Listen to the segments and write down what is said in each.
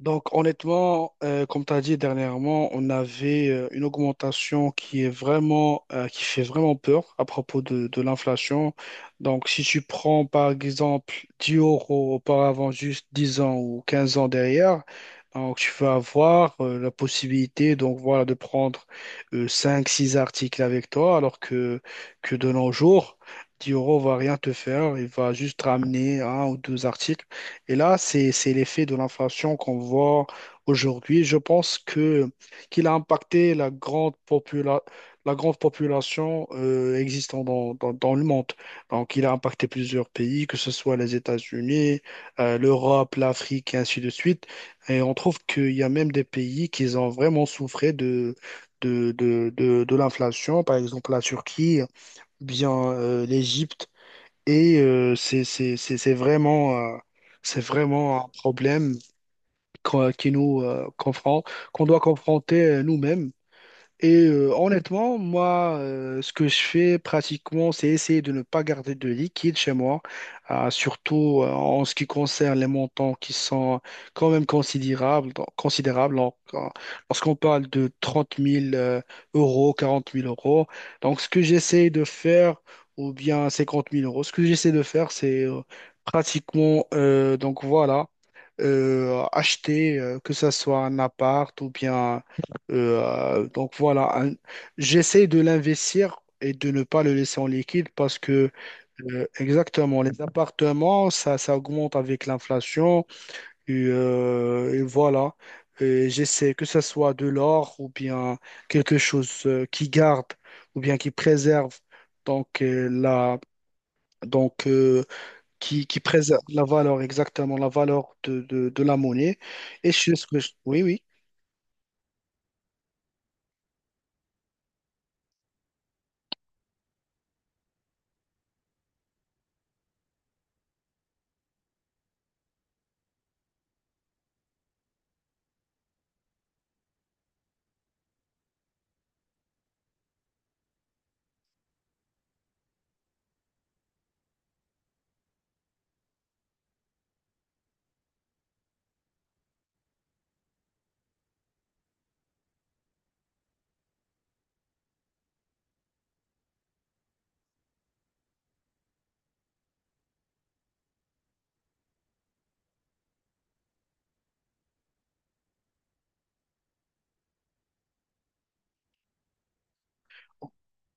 Donc honnêtement, comme tu as dit dernièrement, on avait une augmentation qui est vraiment, qui fait vraiment peur à propos de l'inflation. Donc si tu prends par exemple 10 € auparavant, juste 10 ans ou 15 ans derrière, donc tu vas avoir la possibilité, donc voilà, de prendre cinq, six articles avec toi, alors que de nos jours, 10 € va rien te faire, il va juste ramener un ou deux articles. Et là, c'est l'effet de l'inflation qu'on voit aujourd'hui. Je pense que qu'il a impacté la grande population existant dans le monde. Donc, il a impacté plusieurs pays, que ce soit les États-Unis, l'Europe, l'Afrique, et ainsi de suite. Et on trouve qu'il y a même des pays qui ont vraiment souffert de l'inflation, par exemple la Turquie, bien l'Égypte. C'est vraiment, c'est vraiment un problème qu'on qui nous confronte, qu'on doit confronter nous-mêmes. Honnêtement, moi, ce que je fais pratiquement, c'est essayer de ne pas garder de liquide chez moi, surtout en ce qui concerne les montants qui sont quand même considérables, considérables, lorsqu'on parle de 30 000 euros, 40 000 euros. Donc, ce que j'essaie de faire, ou bien 50 000 euros, ce que j'essaie de faire, c'est, pratiquement, donc voilà, acheter, que ce soit un appart ou bien, euh, donc voilà, un- j'essaie de l'investir et de ne pas le laisser en liquide, parce que, exactement, les appartements, ça augmente avec l'inflation et voilà. Et j'essaie que ce soit de l'or ou bien quelque chose qui garde ou bien qui préserve, donc la donc qui préserve la valeur, exactement, la valeur de la monnaie, et je suis oui, oui,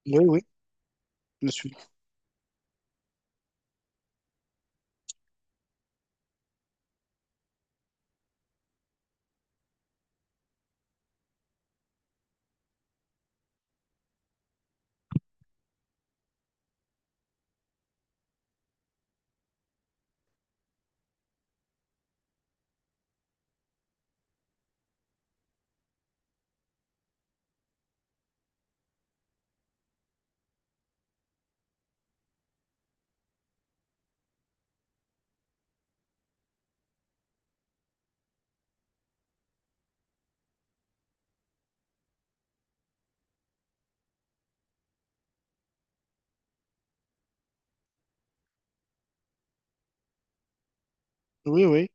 oui, oui, je suis, oui, oui.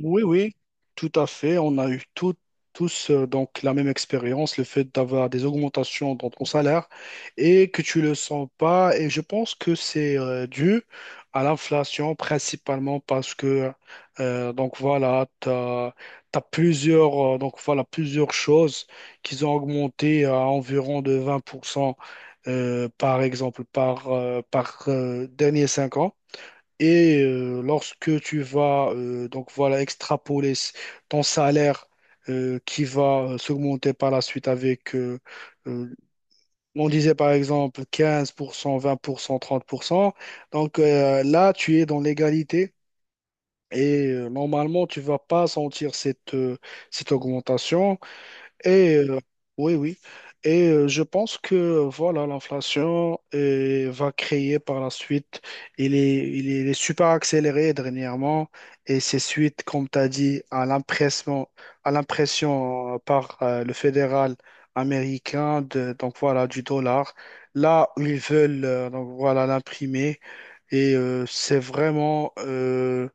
Oui, oui, tout à fait. On a eu tous, donc, la même expérience, le fait d'avoir des augmentations dans ton salaire et que tu le sens pas. Et je pense que c'est dû à l'inflation, principalement parce que, donc voilà, t'as plusieurs donc voilà, plusieurs choses qui ont augmenté à environ de 20% par exemple par par derniers 5 ans. Lorsque tu vas, donc voilà, extrapoler ton salaire qui va s'augmenter par la suite, avec, euh, on disait par exemple 15%, 20%, 30%, donc là tu es dans l'égalité et normalement tu vas pas sentir cette augmentation. Et euh, oui, oui. Je pense que voilà, l'inflation va créer par la suite. Il est super accéléré dernièrement. Et c'est suite, comme tu as dit, à l'impression par le fédéral américain de, donc voilà, du dollar. Là où ils veulent, donc voilà, l'imprimer. C'est vraiment.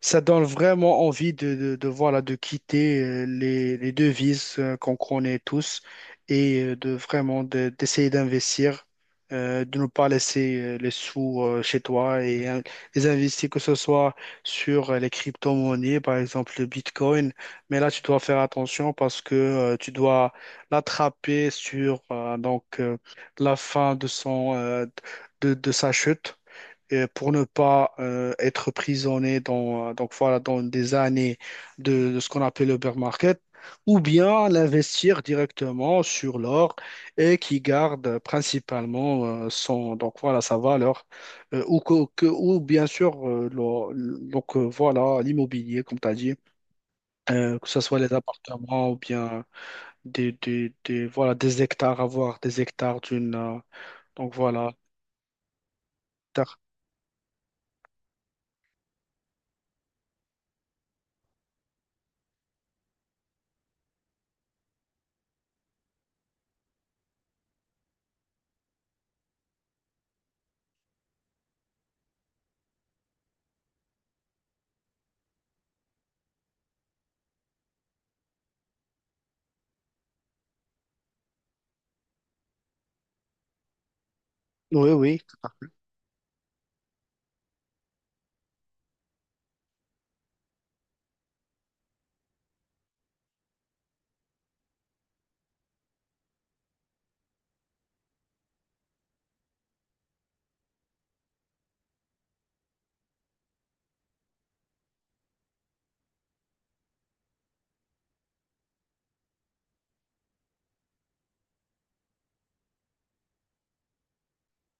Ça donne vraiment envie voilà, de quitter les devises qu'on connaît tous, et de vraiment d'essayer d'investir, de ne pas laisser les sous chez toi, et les investir, que ce soit sur les crypto-monnaies, par exemple le Bitcoin. Mais là, tu dois faire attention parce que, tu dois l'attraper sur, la fin de son, de sa chute, pour ne pas, être prisonnier dans, donc voilà, dans des années de ce qu'on appelle le bear market, ou bien l'investir directement sur l'or et qui garde principalement, son, donc voilà, sa valeur, ou, ou bien sûr, donc voilà, l'immobilier, comme tu as dit, que ce soit les appartements ou bien voilà, des hectares, avoir des hectares d'une, donc voilà, terre. Oui, oui,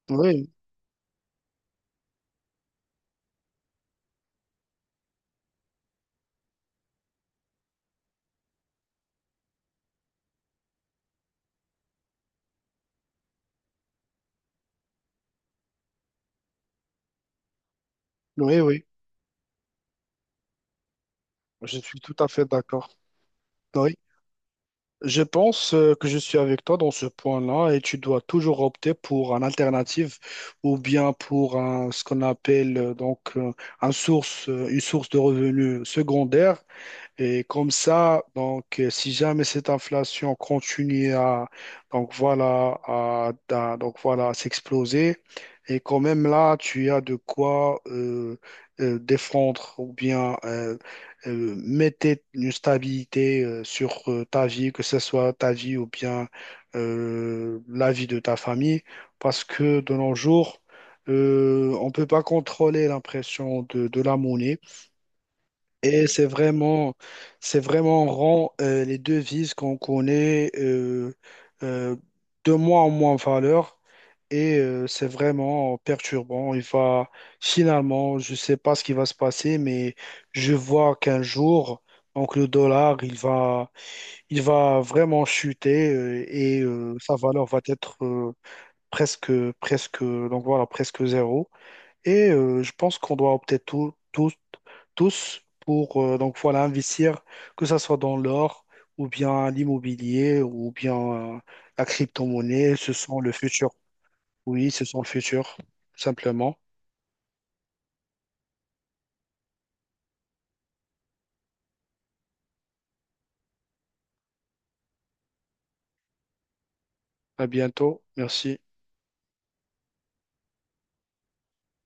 oui, oui, oui. Je suis tout à fait d'accord. Oui. Je pense, que je suis avec toi dans ce point-là et tu dois toujours opter pour une alternative ou bien pour ce qu'on appelle, une source de revenus secondaire, et comme ça, donc, si jamais cette inflation continue donc voilà, à s'exploser, et quand même là, tu as de quoi, défendre ou bien, mettre une stabilité sur ta vie, que ce soit ta vie ou bien, la vie de ta famille, parce que de nos jours, on ne peut pas contrôler l'impression de la monnaie. Et c'est vraiment rend, les devises qu'on connaît, euh, de moins en moins en valeur. C'est vraiment perturbant. Il va, finalement, je ne sais pas ce qui va se passer, mais je vois qu'un jour, donc le dollar, il va vraiment chuter, et sa valeur va être, presque, presque zéro. Je pense qu'on doit opter tous, tous, tous pour, donc voilà, investir, que ce soit dans l'or ou bien l'immobilier ou bien, euh, la crypto-monnaie. Ce sont le futur. Oui, ce sont le futur, simplement. À bientôt. Merci.